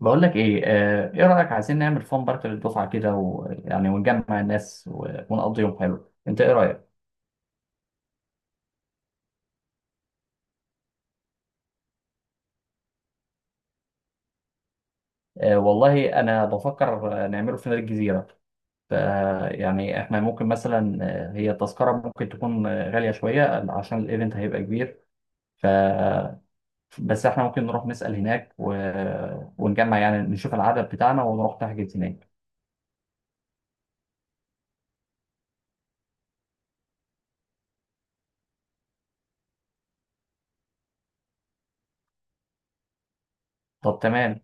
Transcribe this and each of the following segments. بقول لك ايه، ايه رايك؟ عايزين نعمل فان بارك للدفعه كده ويعني ونجمع الناس ونقضي يوم حلو. انت ايه رايك؟ والله انا بفكر، نعمله في نادي الجزيره. ف يعني احنا ممكن مثلا، هي التذكره ممكن تكون غاليه شويه عشان الايفنت هيبقى كبير. ف بس احنا ممكن نروح نسال هناك، ونجمع يعني نشوف العدد بتاعنا ونروح نحجز هناك. طب تمام.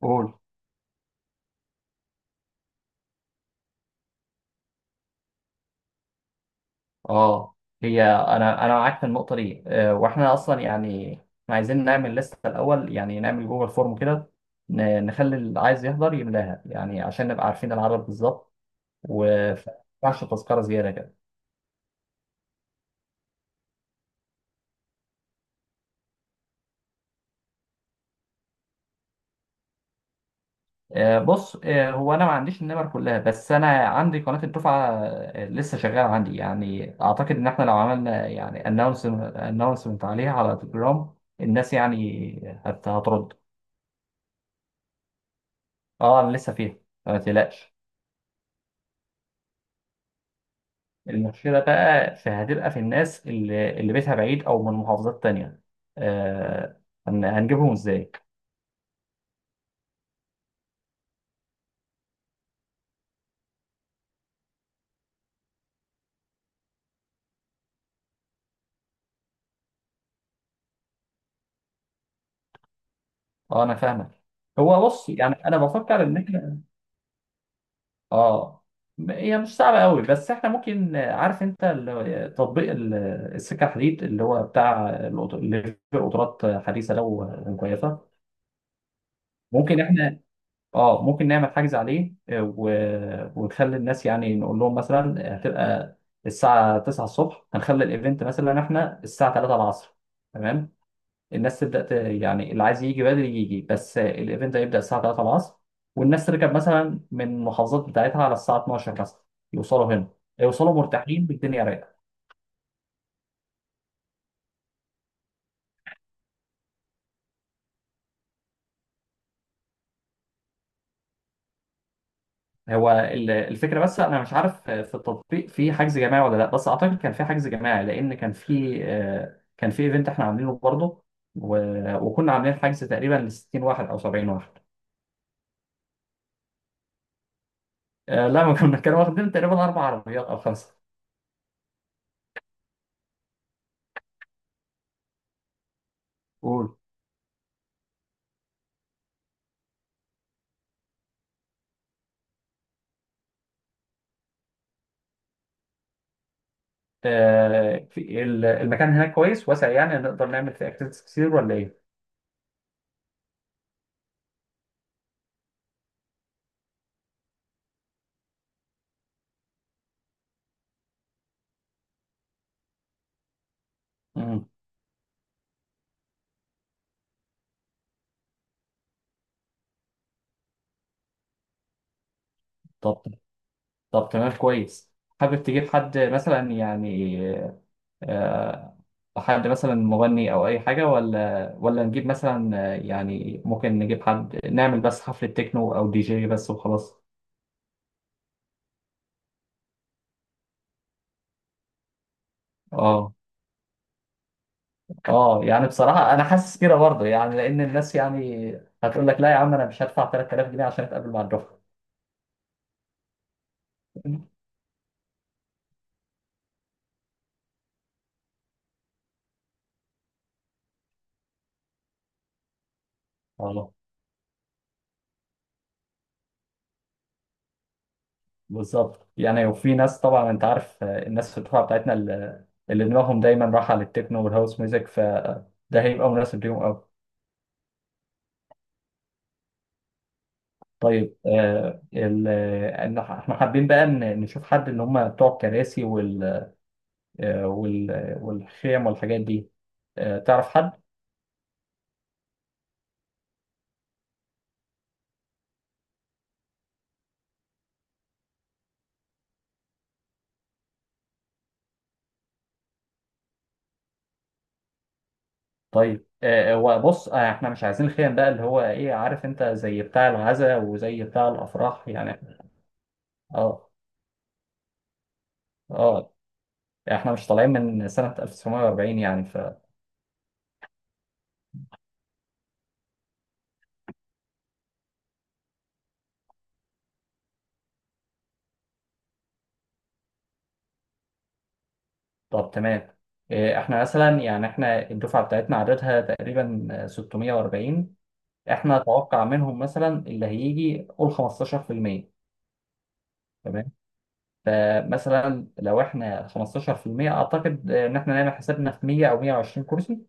قول. اه هي انا معاك في النقطه دي، واحنا اصلا يعني احنا عايزين نعمل لسته الاول، يعني نعمل جوجل فورم كده. نخلي اللي عايز يحضر يملاها يعني عشان نبقى عارفين العدد بالظبط، وما ينفعش تذكره زياده كده. بص، هو انا ما عنديش النمر كلها، بس انا عندي قناه الدفعه، لسه شغاله عندي. يعني اعتقد ان احنا لو عملنا يعني اناونسمنت عليها على تليجرام الناس يعني هترد. اه، انا لسه فيها، ما تقلقش. المشكلة بقى في هتبقى في الناس اللي بيتها بعيد أو من محافظات تانية. آه هنجيبهم إزاي؟ أه، أنا فاهمك. هو بص، يعني أنا بفكر إن إحنا. أه، هي مش صعبة قوي، بس إحنا ممكن، عارف أنت، تطبيق السكة الحديد اللي هو بتاع اللي في قطارات حديثة لو كويسة. ممكن إحنا، اه ممكن نعمل حجز عليه، ونخلي الناس يعني نقول لهم مثلا، هتبقى الساعة 9 الصبح، هنخلي الايفنت مثلا احنا الساعة 3 العصر. تمام. الناس تبدأ يعني اللي عايز يجي بدري يجي، بس الايفنت هيبدأ الساعة 3 العصر. والناس تركب مثلا من المحافظات بتاعتها على الساعة 12 مثلا، يوصلوا هنا، يوصلوا مرتاحين بالدنيا رايقة. هو الفكره، بس انا مش عارف في التطبيق في حجز جماعي ولا لا. بس اعتقد كان في حجز جماعي لان كان في ايفنت احنا عاملينه برضه، وكنا عاملين حجز تقريبا ل 60 واحد او 70 واحد. لا، ما كنا كانوا واخدين تقريبا اربع عربيات او خمسه. قول. في المكان هناك كويس واسع، يعني نقدر نعمل فيه اكتيفيتيز كتير ولا ايه؟ مم. طب طب تمام، كويس. حابب تجيب حد مثلا يعني، آه، حد مثلا مغني او اي حاجه، ولا نجيب مثلا، يعني ممكن نجيب حد نعمل بس حفله تكنو او دي جي بس وخلاص. اه، اه، يعني بصراحه انا حاسس كده برضه، يعني لان الناس يعني هتقول لك: لا يا عم، انا مش هدفع 3000 جنيه عشان اتقابل مع الدفعه. اه، بالظبط. يعني وفي ناس طبعا انت عارف، الناس في الدفعه بتاعتنا اللي دماغهم دايما رايحه للتكنو والهاوس ميوزك، فده هيبقى مناسب ليهم. طيب، إن احنا حابين بقى نشوف حد اللي هم بتوع الكراسي والخيم والحاجات دي، تعرف حد؟ طيب، وبص، احنا مش عايزين خيم بقى اللي هو ايه عارف انت، زي بتاع العزاء وزي بتاع الافراح يعني. اه، اه، احنا مش طالعين من سنة 1940 يعني. طب تمام. احنا مثلا يعني احنا الدفعة بتاعتنا عددها تقريبا 640. احنا اتوقع منهم مثلا اللي هيجي قول 15%. تمام. فمثلا لو احنا 15%، اعتقد ان احنا نعمل حسابنا في 100 او 120 كرسي.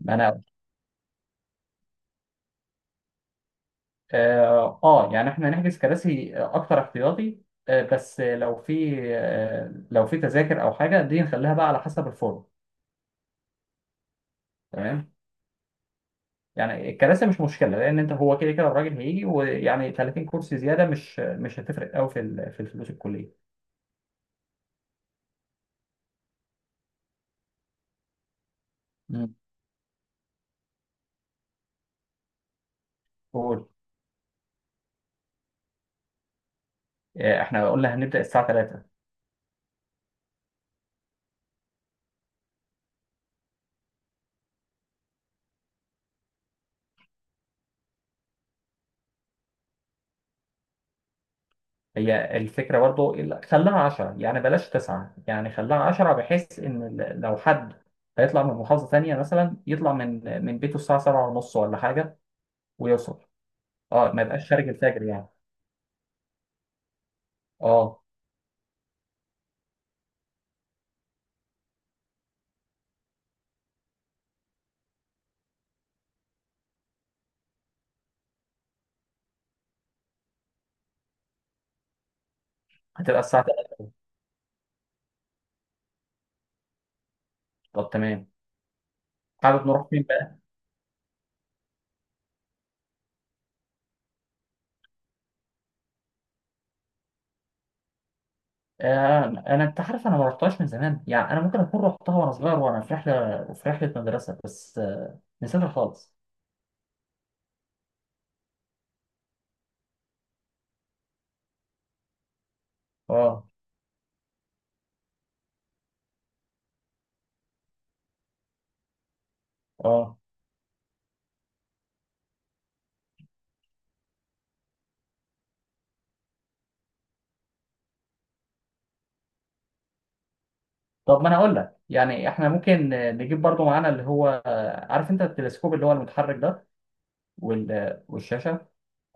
ما انا. اه، يعني احنا نحجز كراسي اكتر احتياطي، بس لو في تذاكر او حاجه دي نخليها بقى على حسب الفورم. تمام. يعني الكراسي مش مشكله، لان انت هو كده كده الراجل هيجي ويعني 30 كرسي زياده مش هتفرق قوي في في الفلوس الكليه. مم. قول. احنا قلنا هنبدا الساعه 3. هي الفكرة برضو خليها عشرة، يعني بلاش تسعة، يعني خليها عشرة بحيث إن لو حد هيطلع من محافظة تانية مثلا، يطلع من بيته الساعة سبعة ونص ولا حاجة، ويوصل. اه، ما يبقاش خارج الفجر يعني. اه، هتبقى الساعة تلاتة. طب تمام. حابب نروح فين بقى؟ أنا، أنت عارف، أنا ما رحتهاش من زمان، يعني أنا ممكن أكون رحتها وأنا صغير وأنا في رحلة في رحلة مدرسة، بس نسيتها خالص. اه، اه، طب ما انا هقول لك يعني احنا ممكن، نجيب برضو معانا اللي هو، عارف انت التلسكوب اللي هو المتحرك ده والشاشه.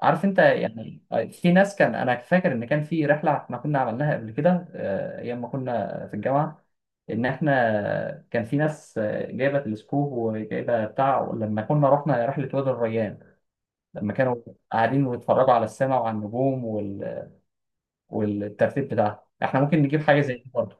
عارف انت يعني، في ناس، كان انا فاكر ان كان في رحله احنا كنا عملناها قبل كده، ايام ما كنا في الجامعه، ان احنا كان في ناس جايبه تلسكوب وجايبه بتاع، لما كنا رحنا رحله وادي الريان، لما كانوا قاعدين ويتفرجوا على السماء وعلى النجوم والترتيب بتاعها. احنا ممكن نجيب حاجه زي دي برضو.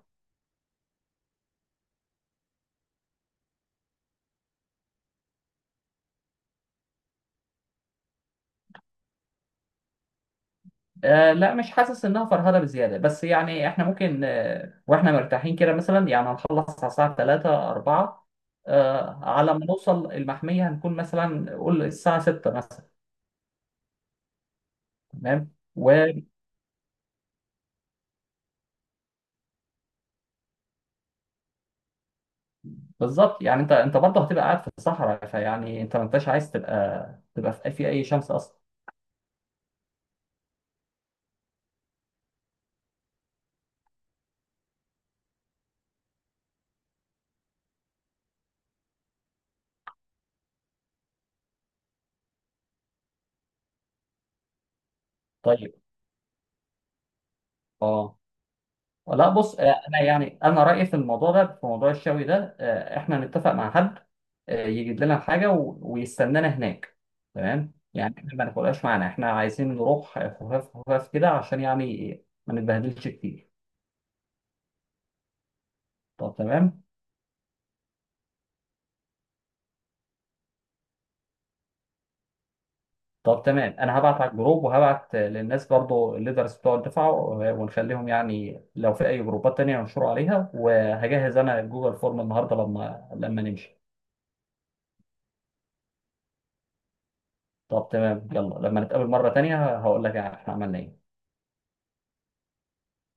لا، مش حاسس انها فرهده بزياده، بس يعني احنا ممكن، واحنا مرتاحين كده مثلا يعني هنخلص على الساعه 3 4. على ما نوصل المحميه هنكون مثلا قول الساعه 6 مثلا. تمام. وبالظبط، يعني انت برضه هتبقى قاعد في الصحراء، فيعني انت ما انتش عايز تبقى في اي شمس اصلا. طيب. اه، لا، بص، انا يعني انا رايي في الموضوع ده، في موضوع الشوي ده، احنا نتفق مع حد، يجيب لنا الحاجه، ويستنانا هناك. تمام. يعني احنا ما ناكلهاش معانا، احنا عايزين نروح خفاف خفاف كده عشان يعني ما نتبهدلش كتير. طب تمام. انا هبعت على الجروب وهبعت، للناس برضو الليدرز بتوع الدفعه، ونخليهم يعني لو في اي جروبات تانية ينشروا عليها، وهجهز انا جوجل فورم النهارده لما نمشي. طب تمام. يلا، لما نتقابل مره تانية هقول لك يعني احنا عملنا ايه.